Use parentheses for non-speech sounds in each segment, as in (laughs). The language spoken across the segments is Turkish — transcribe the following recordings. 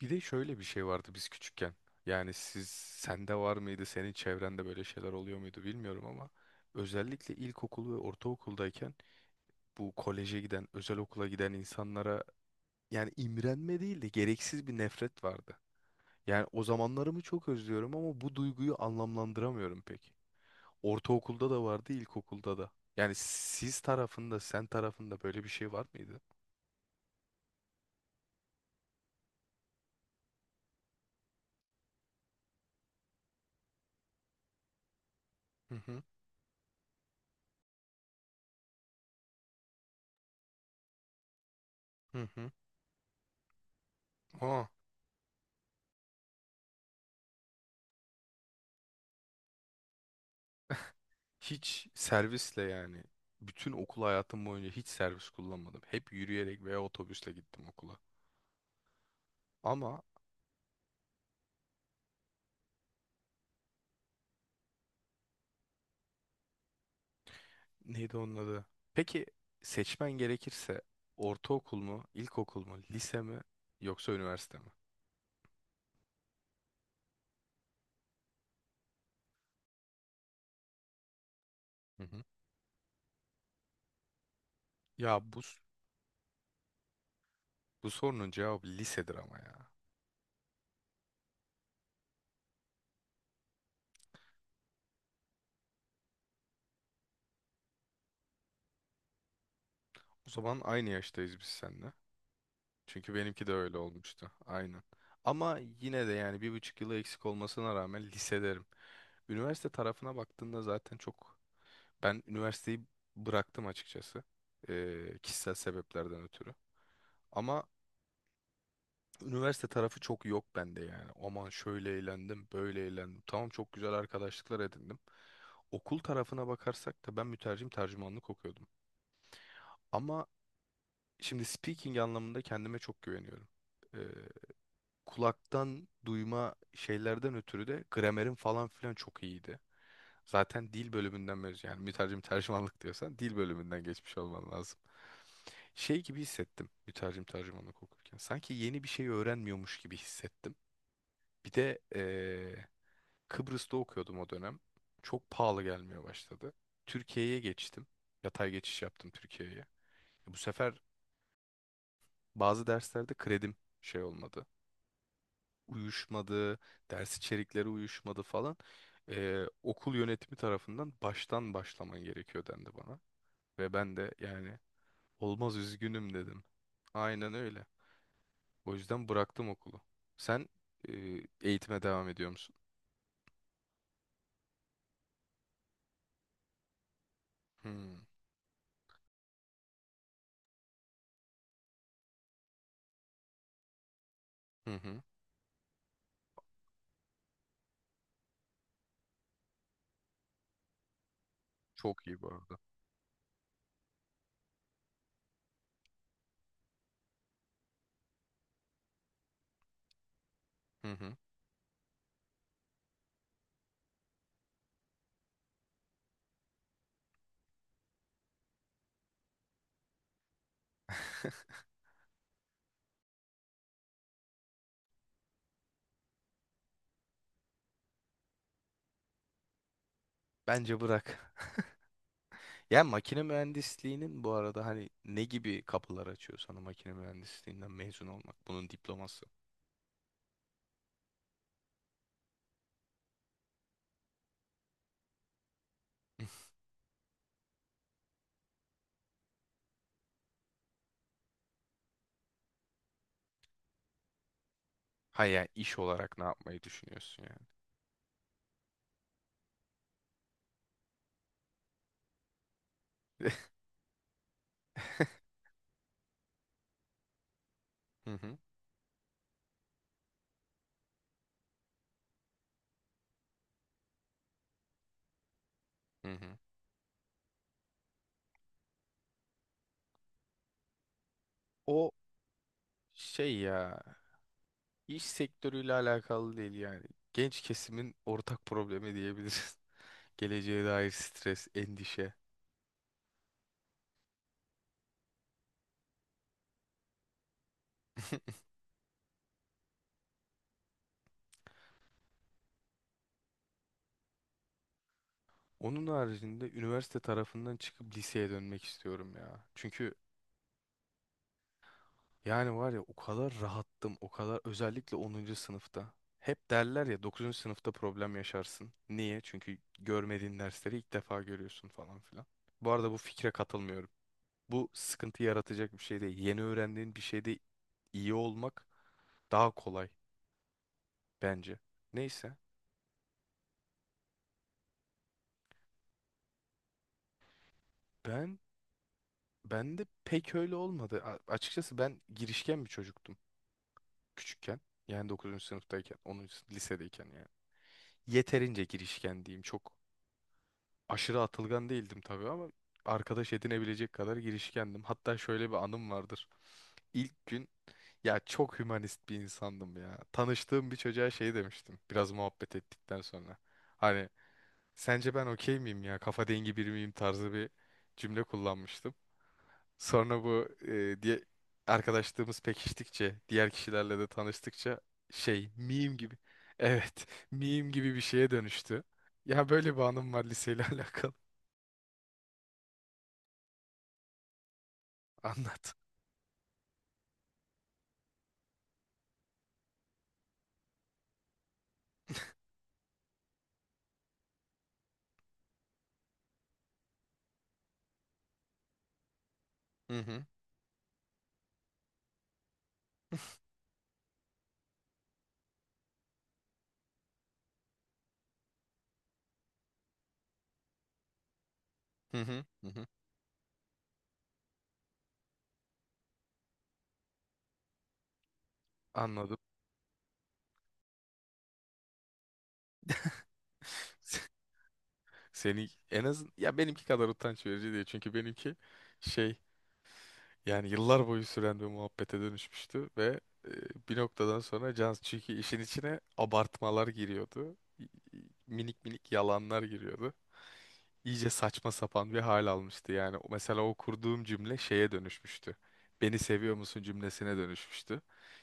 Bir de şöyle bir şey vardı biz küçükken. Yani sende var mıydı, senin çevrende böyle şeyler oluyor muydu bilmiyorum ama özellikle ilkokul ve ortaokuldayken bu koleje giden, özel okula giden insanlara yani imrenme değil de gereksiz bir nefret vardı. Yani o zamanlarımı çok özlüyorum ama bu duyguyu anlamlandıramıyorum pek. Ortaokulda da vardı, ilkokulda da. Yani sen tarafında böyle bir şey var mıydı? Hı hı. Hı hı. Aa. Hiç servisle yani bütün okul hayatım boyunca hiç servis kullanmadım. Hep yürüyerek veya otobüsle gittim okula. Ama neydi onun adı? Peki seçmen gerekirse ortaokul mu, ilkokul mu, lise mi yoksa üniversite mi? Hı hı. Ya bu sorunun cevabı lisedir ama ya. O zaman aynı yaştayız biz seninle. Çünkü benimki de öyle olmuştu. Aynen. Ama yine de yani 1,5 yılı eksik olmasına rağmen lise derim. Üniversite tarafına baktığında zaten çok. Ben üniversiteyi bıraktım açıkçası. Kişisel sebeplerden ötürü. Ama üniversite tarafı çok yok bende yani. Aman şöyle eğlendim, böyle eğlendim. Tamam çok güzel arkadaşlıklar edindim. Okul tarafına bakarsak da ben mütercim tercümanlık okuyordum. Ama şimdi speaking anlamında kendime çok güveniyorum. Kulaktan duyma şeylerden ötürü de gramerim falan filan çok iyiydi. Zaten dil bölümünden mezun yani mütercim tercümanlık diyorsan dil bölümünden geçmiş olman lazım. Şey gibi hissettim mütercim tercümanlık okurken. Sanki yeni bir şey öğrenmiyormuş gibi hissettim. Bir de Kıbrıs'ta okuyordum o dönem. Çok pahalı gelmeye başladı. Türkiye'ye geçtim. Yatay geçiş yaptım Türkiye'ye. Bu sefer bazı derslerde kredim şey olmadı. Uyuşmadı, ders içerikleri uyuşmadı falan. Okul yönetimi tarafından baştan başlaman gerekiyor dendi bana. Ve ben de yani olmaz üzgünüm dedim. Aynen öyle. O yüzden bıraktım okulu. Sen e, eğitime devam ediyor musun? Hmm. Hı hı. Çok iyi bu arada. Hı hı. (laughs) Bence bırak. (laughs) Ya makine mühendisliğinin bu arada hani ne gibi kapılar açıyor sana makine mühendisliğinden mezun olmak? Bunun diploması. (laughs) Hayır, yani, iş olarak ne yapmayı düşünüyorsun yani? (laughs) Hı hı, hı hı. O şey ya iş sektörüyle alakalı değil yani. Genç kesimin ortak problemi diyebiliriz. (laughs) Geleceğe dair stres, endişe. (laughs) Onun haricinde üniversite tarafından çıkıp liseye dönmek istiyorum ya. Çünkü yani var ya o kadar rahattım, o kadar özellikle 10. sınıfta. Hep derler ya 9. sınıfta problem yaşarsın. Niye? Çünkü görmediğin dersleri ilk defa görüyorsun falan filan. Bu arada bu fikre katılmıyorum. Bu sıkıntı yaratacak bir şey değil. Yeni öğrendiğin bir şeyde iyi olmak daha kolay bence. Neyse ben ben de pek öyle olmadı. Açıkçası ben girişken bir çocuktum küçükken. Yani 9. sınıftayken, lisedeyken yani. Yeterince girişken diyeyim. Çok aşırı atılgan değildim tabii ama arkadaş edinebilecek kadar girişkendim. Hatta şöyle bir anım vardır. İlk gün ya çok hümanist bir insandım ya. Tanıştığım bir çocuğa şey demiştim biraz muhabbet ettikten sonra. Hani sence ben okey miyim ya kafa dengi biri miyim tarzı bir cümle kullanmıştım. Sonra bu diye arkadaşlığımız pekiştikçe diğer kişilerle de tanıştıkça şey meme gibi (laughs) evet meme gibi bir şeye dönüştü. Ya böyle bir anım var liseyle (laughs) alakalı. Anlat. (laughs) Hı hı. Hı hı. Hı hı. Anladım. (laughs) Seni en az ya benimki kadar utanç verici değil. Çünkü benimki şey yani yıllar boyu süren bir muhabbete dönüşmüştü ve e, bir noktadan sonra can çünkü işin içine abartmalar giriyordu. Minik minik yalanlar giriyordu. İyice saçma sapan bir hal almıştı. Yani mesela o kurduğum cümle şeye dönüşmüştü. Beni seviyor musun cümlesine dönüşmüştü.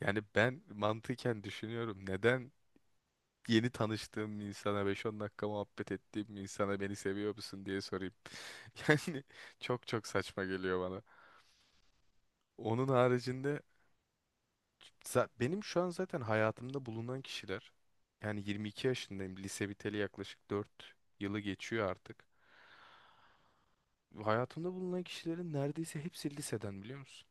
Yani ben mantıken düşünüyorum neden yeni tanıştığım bir insana 5-10 dakika muhabbet ettiğim bir insana beni seviyor musun diye sorayım. (laughs) Yani çok çok saçma geliyor bana. Onun haricinde benim şu an zaten hayatımda bulunan kişiler yani 22 yaşındayım. Lise biteli yaklaşık 4 yılı geçiyor artık. Hayatımda bulunan kişilerin neredeyse hepsi liseden biliyor musun?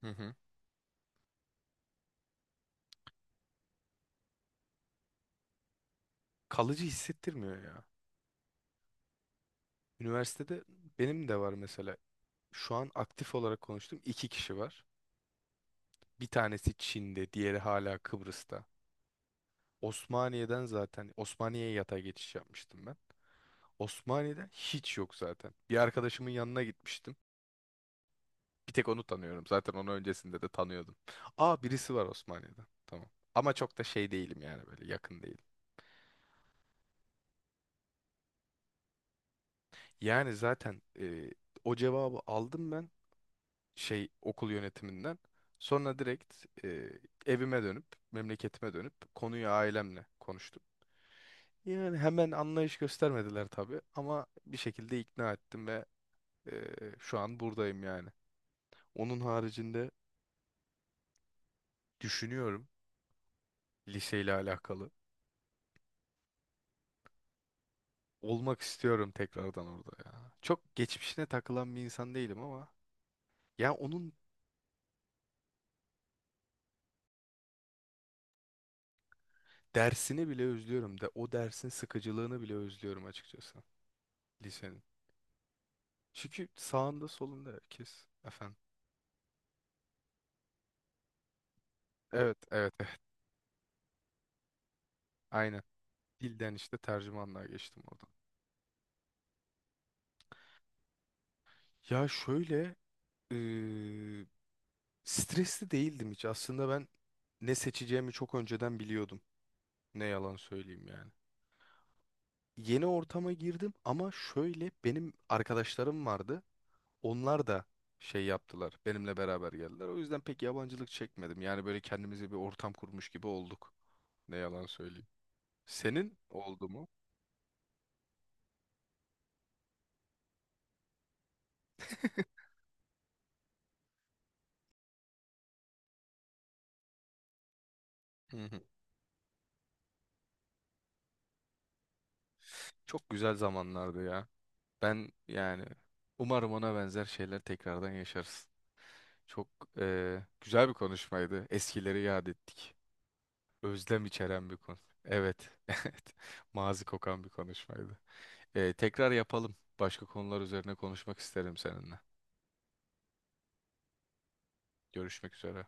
Hı hı. Kalıcı hissettirmiyor ya. Üniversitede benim de var mesela. Şu an aktif olarak konuştuğum iki kişi var. Bir tanesi Çin'de, diğeri hala Kıbrıs'ta. Osmaniye'den zaten Osmaniye'ye yatay geçiş yapmıştım ben. Osmaniye'de hiç yok zaten. Bir arkadaşımın yanına gitmiştim. Bir tek onu tanıyorum. Zaten onu öncesinde de tanıyordum. Aa birisi var Osmaniye'den. Tamam. Ama çok da şey değilim yani böyle yakın değilim. Yani zaten o cevabı aldım ben şey okul yönetiminden. Sonra direkt evime dönüp memleketime dönüp konuyu ailemle konuştum. Yani hemen anlayış göstermediler tabii ama bir şekilde ikna ettim ve şu an buradayım yani. Onun haricinde düşünüyorum liseyle alakalı. Olmak istiyorum tekrardan orada ya. Çok geçmişine takılan bir insan değilim ama ya onun dersini bile özlüyorum de o dersin sıkıcılığını bile özlüyorum açıkçası lisenin. Çünkü sağında solunda herkes efendim. Evet, evet, evet. Aynen. Dilden işte tercümanlığa geçtim oradan. Ya şöyle eee, stresli değildim hiç. Aslında ben ne seçeceğimi çok önceden biliyordum. Ne yalan söyleyeyim yani. Yeni ortama girdim ama şöyle benim arkadaşlarım vardı. Onlar da şey yaptılar. Benimle beraber geldiler. O yüzden pek yabancılık çekmedim. Yani böyle kendimize bir ortam kurmuş gibi olduk. Ne yalan söyleyeyim. Senin oldu mu? Hı hı. Çok güzel zamanlardı ya. Ben yani umarım ona benzer şeyler tekrardan yaşarız. Çok güzel bir konuşmaydı. Eskileri yad ettik. Özlem içeren bir konu. Evet. (laughs) Evet. Mazi kokan bir konuşmaydı. Tekrar yapalım. Başka konular üzerine konuşmak isterim seninle. Görüşmek üzere.